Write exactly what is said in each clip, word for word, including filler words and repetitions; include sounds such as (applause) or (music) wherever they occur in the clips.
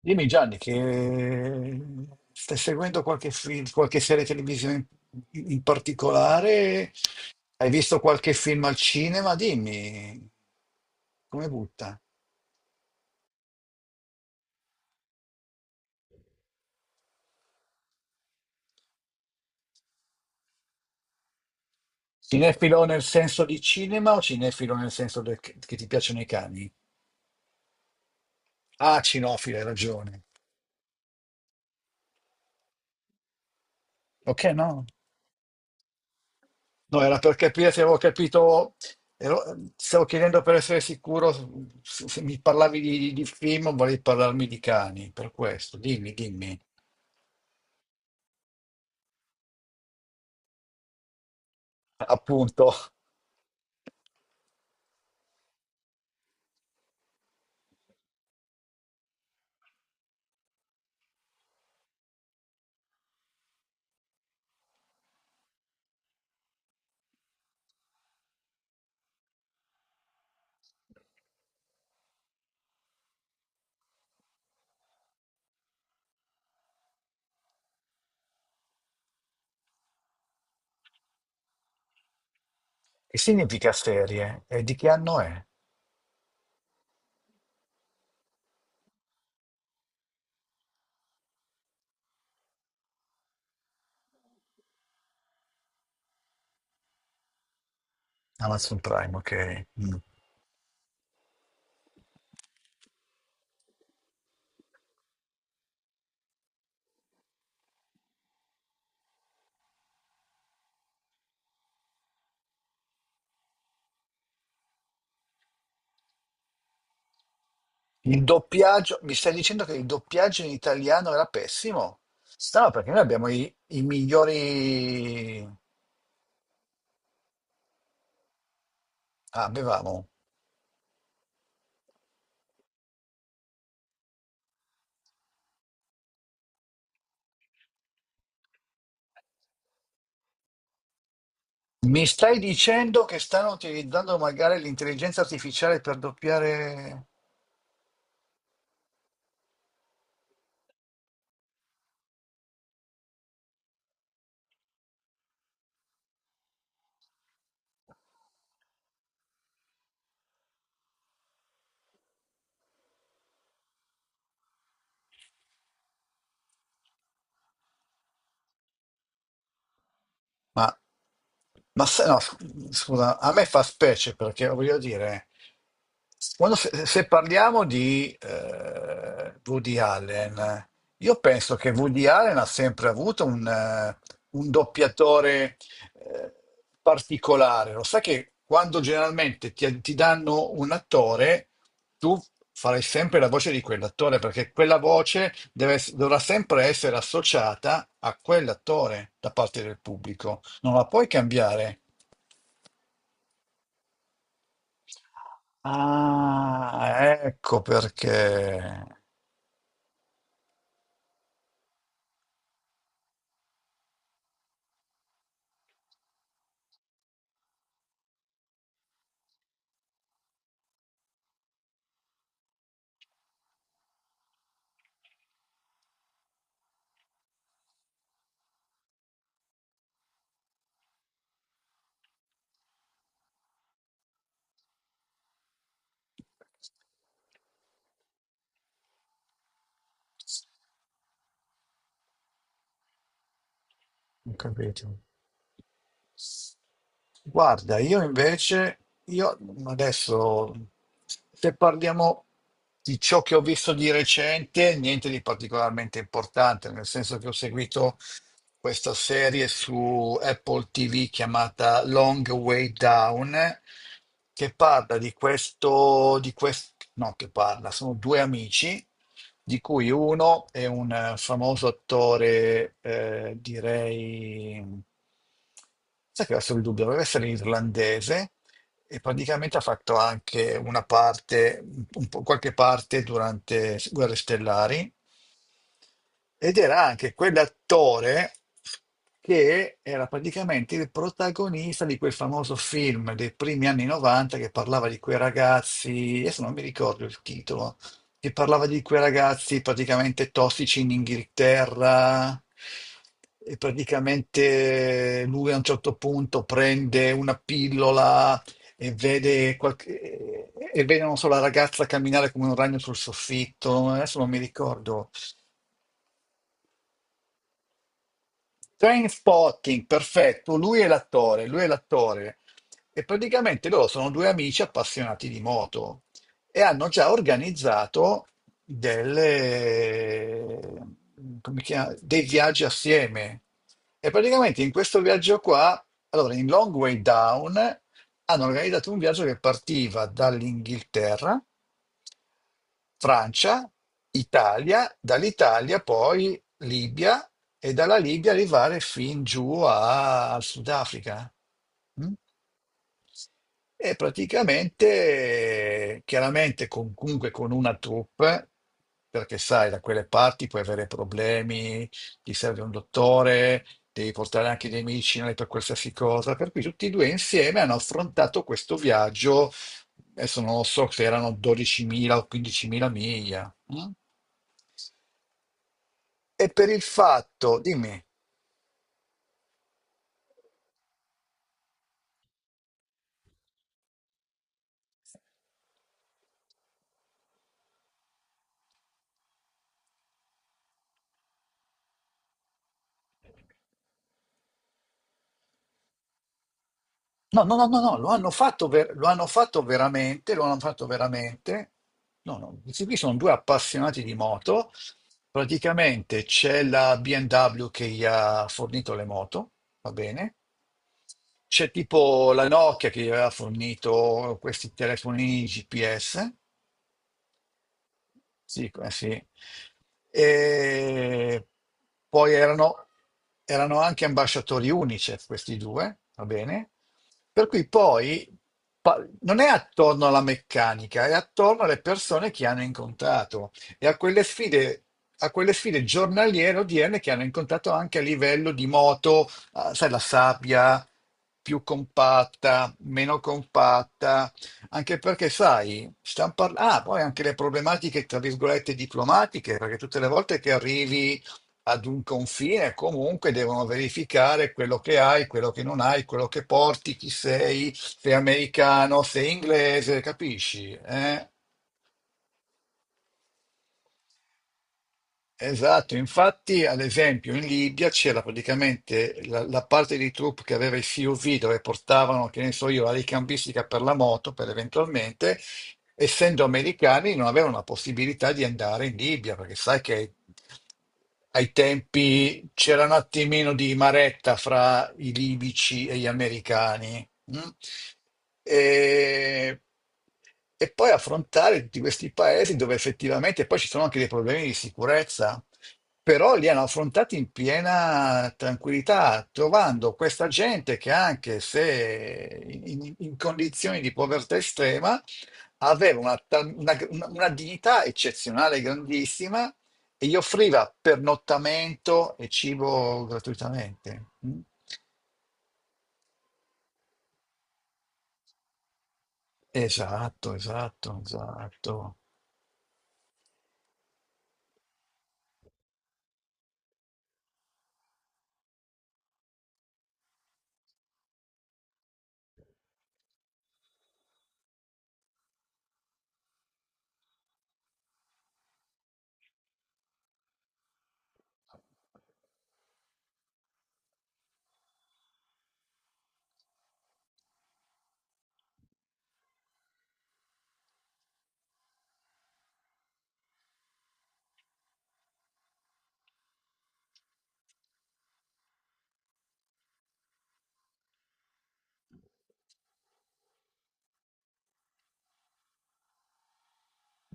Dimmi Gianni, che stai seguendo qualche film, qualche serie televisiva in, in particolare? Hai visto qualche film al cinema? Dimmi, come butta? Cinefilo nel senso di cinema o cinefilo nel senso del- che ti piacciono i cani? Ah, cinofilo, hai ragione. Ok, no? No, era per capire se avevo capito, ero- stavo chiedendo per essere sicuro se, se mi parlavi di, di film o volevi parlarmi di cani, per questo. Dimmi, dimmi. Appunto, che significa serie? E di che anno è? Amazon Prime, ok. Mm. Il doppiaggio, mi stai dicendo che il doppiaggio in italiano era pessimo? No, perché noi abbiamo i, i migliori... Ah, avevamo. Mi stai dicendo che stanno utilizzando magari l'intelligenza artificiale per doppiare... Ma, ma se no, s- scusa, a me fa specie perché voglio dire, quando se, se parliamo di eh, Woody Allen, io penso che Woody Allen ha sempre avuto un, eh, un doppiatore eh, particolare. Lo sai che quando generalmente ti, ti danno un attore, tu farai sempre la voce di quell'attore perché quella voce deve ess- dovrà sempre essere associata a quell'attore da parte del pubblico. Non la puoi cambiare. Ah, ecco perché. Ho capito. Guarda, io invece, io adesso, se parliamo di ciò che ho visto di recente, niente di particolarmente importante, nel senso che ho seguito questa serie su Apple T V chiamata Long Way Down, che parla di questo, di questo, no, che parla, sono due amici di cui uno è un eh, famoso attore, eh, direi, sai che adesso il dubbio, deve essere irlandese e praticamente ha fatto anche una parte, un po', qualche parte durante Guerre Stellari ed era anche quell'attore che era praticamente il protagonista di quel famoso film dei primi anni novanta che parlava di quei ragazzi, adesso non mi ricordo il titolo, che parlava di quei ragazzi praticamente tossici in Inghilterra. E praticamente lui a un certo punto prende una pillola e vede, qualche- e vede, non so, la ragazza camminare come un ragno sul soffitto. Adesso non mi ricordo. Train Spotting, perfetto, lui è l'attore, lui è l'attore. E praticamente loro sono due amici appassionati di moto e hanno già organizzato delle, come chiama- dei viaggi assieme. E praticamente in questo viaggio qua, allora in Long Way Down, hanno organizzato un viaggio che partiva dall'Inghilterra, Francia, Italia, dall'Italia poi Libia e dalla Libia arrivare fin giù a- al Sudafrica. Mm? E praticamente, eh, chiaramente, con- comunque con una troupe, perché sai, da quelle parti puoi avere problemi, ti serve un dottore, devi portare anche dei medicinali per qualsiasi cosa. Per cui tutti e due insieme hanno affrontato questo viaggio, adesso non lo so se erano dodicimila o quindicimila miglia. Mm? E per il fatto, dimmi. No, no, no, no, no, lo hanno fatto, ver- lo hanno fatto veramente, lo hanno fatto veramente. No, no, questi qui sono due appassionati di moto. Praticamente c'è la B M W che gli ha fornito le moto, va bene? C'è tipo la Nokia che gli aveva fornito questi telefonini G P S. Sì, eh sì. E poi erano, erano anche ambasciatori UNICEF questi due, va bene? Per cui poi pa- non è attorno alla meccanica, è attorno alle persone che hanno incontrato e a quelle sfide, a quelle sfide giornaliere odierne che hanno incontrato anche a livello di moto, ah, sai, la sabbia più compatta, meno compatta, anche perché, sai, stiamo parlando, ah, poi anche le problematiche, tra virgolette, diplomatiche, perché tutte le volte che arrivi ad un confine, comunque devono verificare quello che hai, quello che non hai, quello che porti, chi sei, sei americano, sei inglese, capisci? Eh? Esatto, infatti, ad esempio, in Libia c'era praticamente la, la parte di troupe che aveva i C U V dove portavano, che ne so io, la ricambistica per la moto, per eventualmente. Essendo americani, non avevano la possibilità di andare in Libia, perché sai che ai tempi c'era un attimino di maretta fra i libici e gli americani. Mm? E, e poi affrontare tutti questi paesi dove effettivamente poi ci sono anche dei problemi di sicurezza, però li hanno affrontati in piena tranquillità, trovando questa gente che anche se in in- in condizioni di povertà estrema, aveva una, ta- una- una- una dignità eccezionale, grandissima, e gli offriva pernottamento e cibo gratuitamente. Mm? Esatto, esatto, esatto.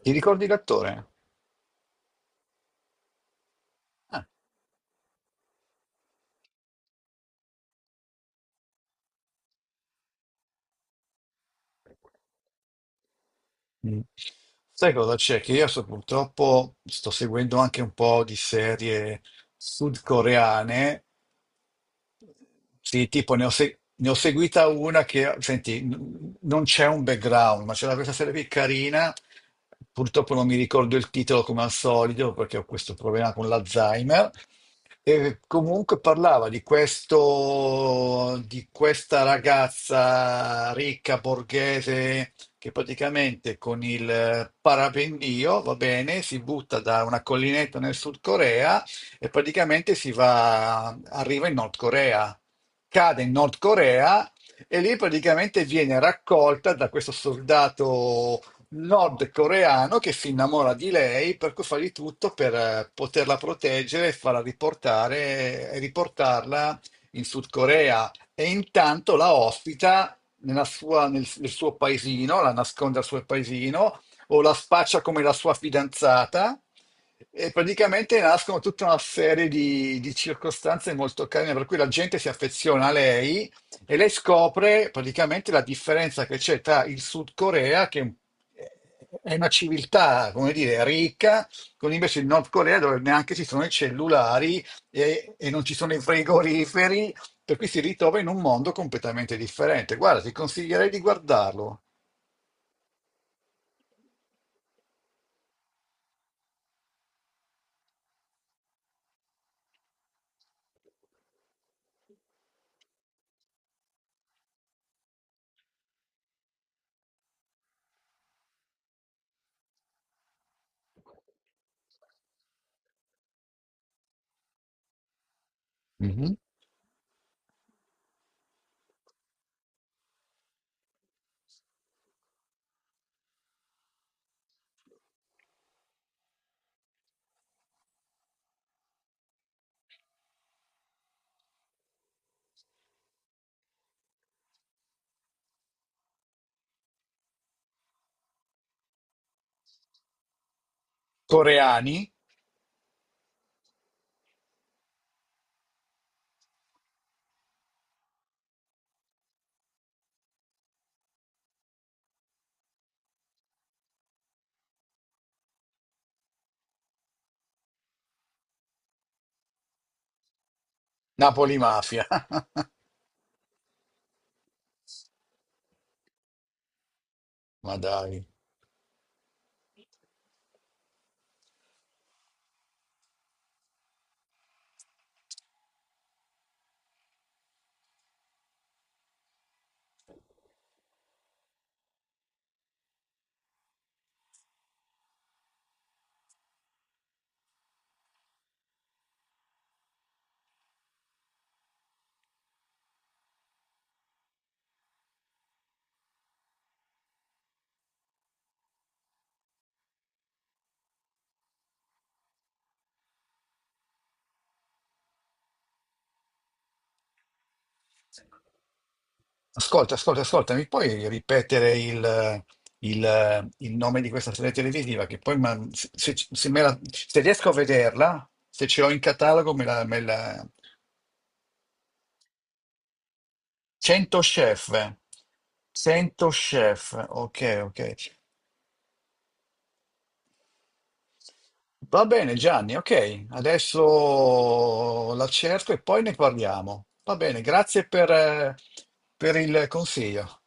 Ti ricordi l'attore? Ah. Mm. Sai cosa c'è? Che io so, purtroppo sto seguendo anche un po' di serie sudcoreane. Sì, tipo ne ho, se- ne ho seguita una che, senti, n- non c'è un background, ma c'era questa serie qui carina, purtroppo non mi ricordo il titolo come al solito perché ho questo problema con l'Alzheimer, e comunque parlava di questo, di questa ragazza ricca borghese che praticamente con il parapendio, va bene, si butta da una collinetta nel Sud Corea e praticamente si va, arriva in Nord Corea, cade in Nord Corea e lì praticamente viene raccolta da questo soldato nordcoreano che si innamora di lei, per cui fa di tutto per eh, poterla proteggere e farla riportare e riportarla in Sud Corea e intanto la ospita nella sua- nel, nel suo paesino, la nasconde al suo paesino o la spaccia come la sua fidanzata. E praticamente nascono tutta una serie di, di circostanze molto carine, per cui la gente si affeziona a lei e lei scopre praticamente la differenza che c'è tra il Sud Corea, che è una civiltà, come dire, ricca, con invece il Nord Corea dove neanche ci sono i cellulari e, e non ci sono i frigoriferi, per cui si ritrova in un mondo completamente differente. Guarda, ti consiglierei di guardarlo. Mhm. Coreani, Napoli Mafia. (laughs) Ma dai. Ascolta, ascolta, ascolta, mi puoi ripetere il, il- il nome di questa serie televisiva? Che poi ma- se, se- se me la... se riesco a vederla, se ce l'ho in catalogo, me la, me la... cento Chef. cento Chef, ok, ok. Va bene Gianni, ok, adesso la cerco e poi ne parliamo. Va bene, grazie per eh, per il consiglio.